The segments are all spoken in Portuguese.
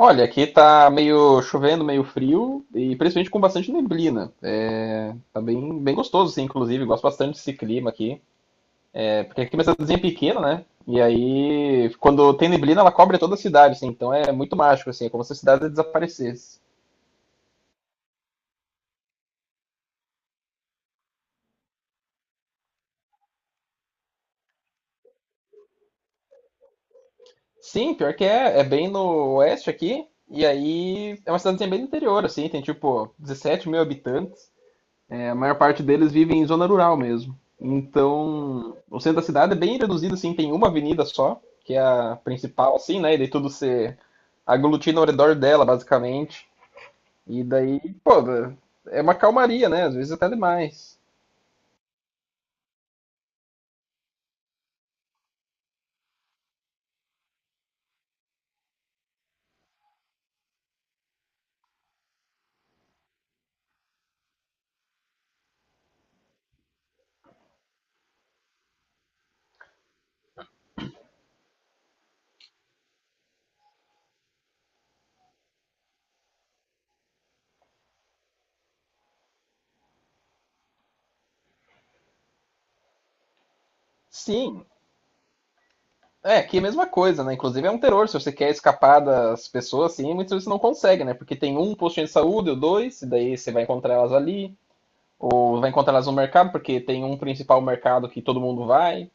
Olha, aqui tá meio chovendo, meio frio e principalmente com bastante neblina. É, tá bem, bem gostoso, assim, inclusive. Gosto bastante desse clima aqui. É, porque aqui é uma cidadezinha pequena, né? E aí, quando tem neblina, ela cobre toda a cidade, assim. Então é muito mágico, assim. É como se a cidade desaparecesse. Sim, pior que é. É bem no oeste aqui. E aí, é uma cidadezinha bem do interior, assim. Tem tipo 17 mil habitantes. É, a maior parte deles vive em zona rural mesmo. Então, o centro da cidade é bem reduzido, assim, tem uma avenida só, que é a principal, assim, né? E daí tudo se aglutina ao redor dela, basicamente. E daí, pô, é uma calmaria, né? Às vezes até demais. Sim, é, aqui é a mesma coisa, né? Inclusive é um terror, se você quer escapar das pessoas, assim, muitas vezes você não consegue, né? Porque tem um postinho de saúde ou dois, e daí você vai encontrar elas ali, ou vai encontrar elas no mercado, porque tem um principal mercado que todo mundo vai.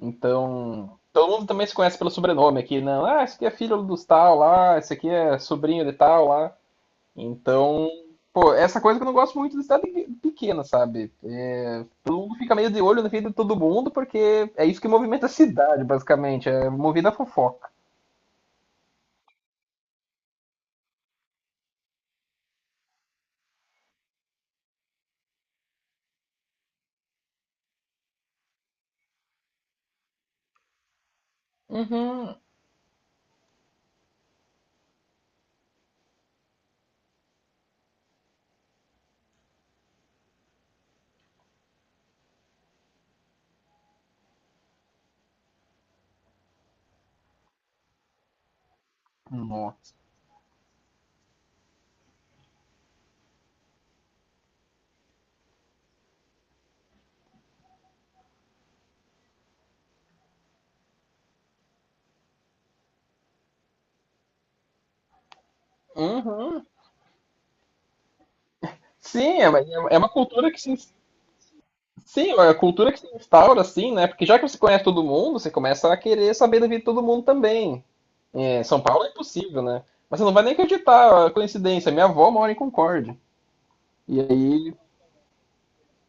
Então, todo mundo também se conhece pelo sobrenome aqui, não? Ah, esse aqui é filho dos tal lá, esse aqui é sobrinho de tal lá. Então, pô, essa coisa que eu não gosto muito de cidade pequena, sabe? É, todo mundo fica meio de olho na vida de todo mundo, porque é isso que movimenta a cidade, basicamente. É movida a fofoca. Uhum. Nossa. Uhum. Sim, é uma cultura que se. Sim, é a cultura que se instaura, assim, né? Porque já que você conhece todo mundo, você começa a querer saber da vida de todo mundo também. É, São Paulo é impossível, né? Mas você não vai nem acreditar, a coincidência. Minha avó mora em Concórdia. E aí,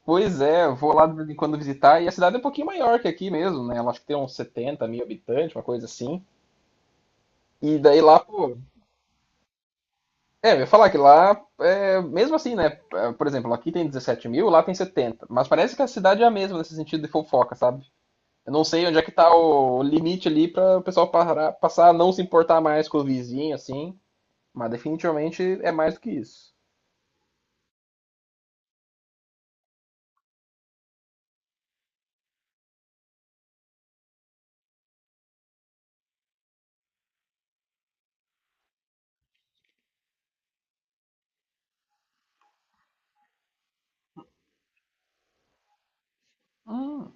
pois é, eu vou lá de vez em quando visitar. E a cidade é um pouquinho maior que aqui mesmo, né? Ela acho que tem uns 70 mil habitantes, uma coisa assim. E daí lá, pô. É, eu ia falar que lá, é, mesmo assim, né? É, por exemplo, aqui tem 17 mil, lá tem 70. Mas parece que a cidade é a mesma nesse sentido de fofoca, sabe? Eu não sei onde é que tá o limite ali para o pessoal parar, passar a não se importar mais com o vizinho, assim. Mas definitivamente é mais do que isso. Hum,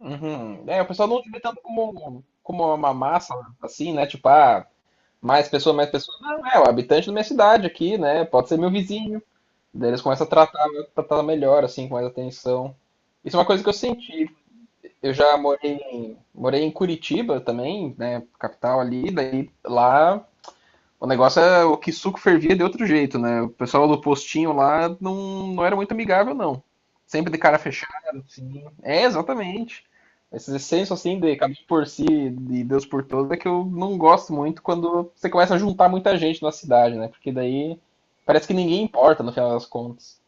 uhum. É, o pessoal não te vê tanto como, como uma massa, assim, né? Tipo, ah, mais pessoa, mais pessoa. Não, é o habitante da minha cidade aqui, né? Pode ser meu vizinho. Daí eles começam a tratar melhor, assim, com mais atenção. Isso é uma coisa que eu senti. Eu já morei em Curitiba também, né? Capital ali, daí lá. O negócio é o que suco fervia de outro jeito, né? O pessoal do postinho lá não era muito amigável, não. Sempre de cara fechada, assim. É, exatamente. Esse senso, assim, de cada um por si, de Deus por todos, é que eu não gosto muito quando você começa a juntar muita gente na cidade, né? Porque daí parece que ninguém importa, no final das contas.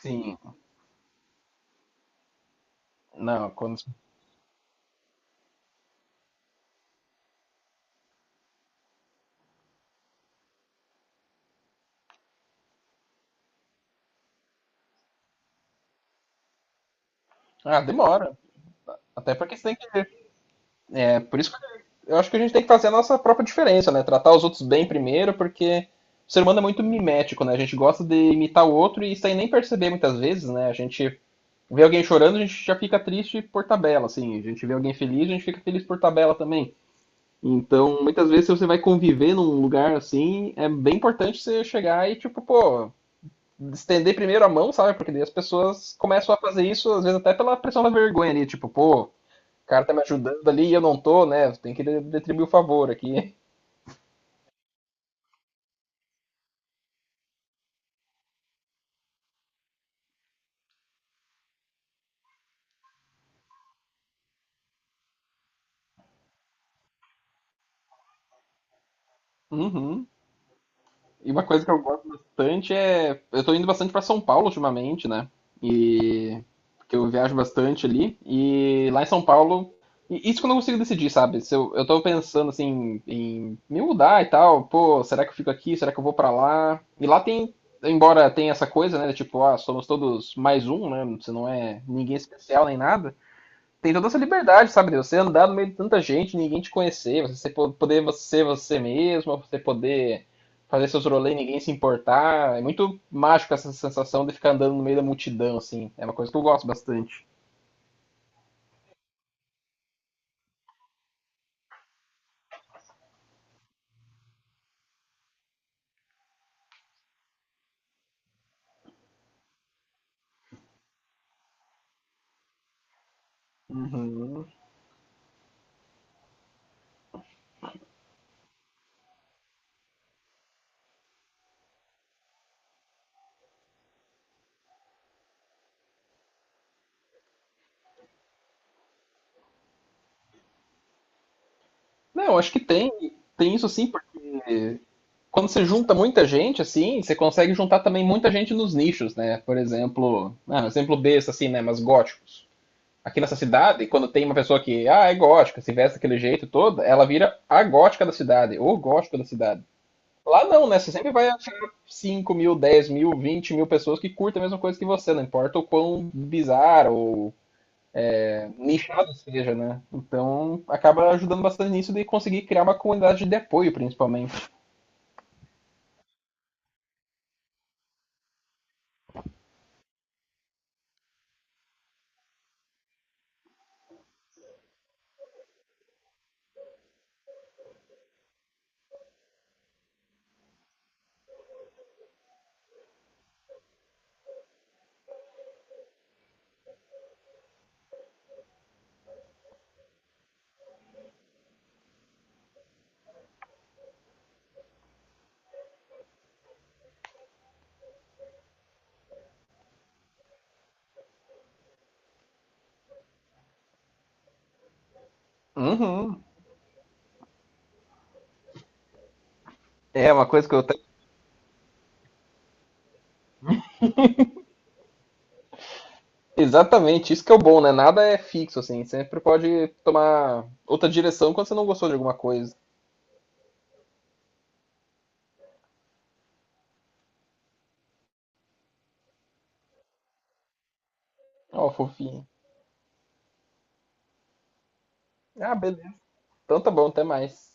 Sim. Não, quando... Ah, demora. Até porque você tem que. Por isso que eu acho que a gente tem que fazer a nossa própria diferença, né? Tratar os outros bem primeiro, porque o ser humano é muito mimético, né? A gente gosta de imitar o outro e sem nem perceber muitas vezes, né? A gente vê alguém chorando, a gente já fica triste por tabela, assim. A gente vê alguém feliz, a gente fica feliz por tabela também. Então, muitas vezes, se você vai conviver num lugar assim, é bem importante você chegar e, tipo, pô, estender primeiro a mão, sabe? Porque daí as pessoas começam a fazer isso, às vezes até pela pressão da vergonha ali, tipo, pô, o cara tá me ajudando ali e eu não tô, né? Tem que retribuir o favor aqui. Uhum. E uma coisa que eu gosto bastante é. Eu tô indo bastante pra São Paulo ultimamente, né? E. Porque eu viajo bastante ali. E lá em São Paulo. E isso que eu não consigo decidir, sabe? Se eu tô pensando assim em me mudar e tal. Pô, será que eu fico aqui? Será que eu vou pra lá? E lá tem. Embora tenha essa coisa, né? Tipo, ah, somos todos mais um, né? Você não é ninguém especial nem nada. Tem toda essa liberdade, sabe? De você andar no meio de tanta gente, ninguém te conhecer, você poder ser você mesmo, você poder fazer seus rolês e ninguém se importar. É muito mágico essa sensação de ficar andando no meio da multidão, assim. É uma coisa que eu gosto bastante. Uhum. Não, acho que tem isso sim, porque quando você junta muita gente, assim, você consegue juntar também muita gente nos nichos, né? Por exemplo, ah, um exemplo besta, assim, né? Mas góticos. Aqui nessa cidade, quando tem uma pessoa que ah, é gótica, se veste daquele jeito todo, ela vira a gótica da cidade, ou gótico da cidade. Lá não, né? Você sempre vai achar 5.000, 10.000, 20.000 pessoas que curtem a mesma coisa que você, não importa o quão bizarro ou é, nichado seja, né? Então acaba ajudando bastante nisso de conseguir criar uma comunidade de apoio, principalmente. Uhum. É uma coisa que eu tenho. Exatamente, isso que é o bom, né? Nada é fixo, assim. Sempre pode tomar outra direção quando você não gostou de alguma coisa. Ó, fofinho. Ah, beleza. Então tá bom, até mais.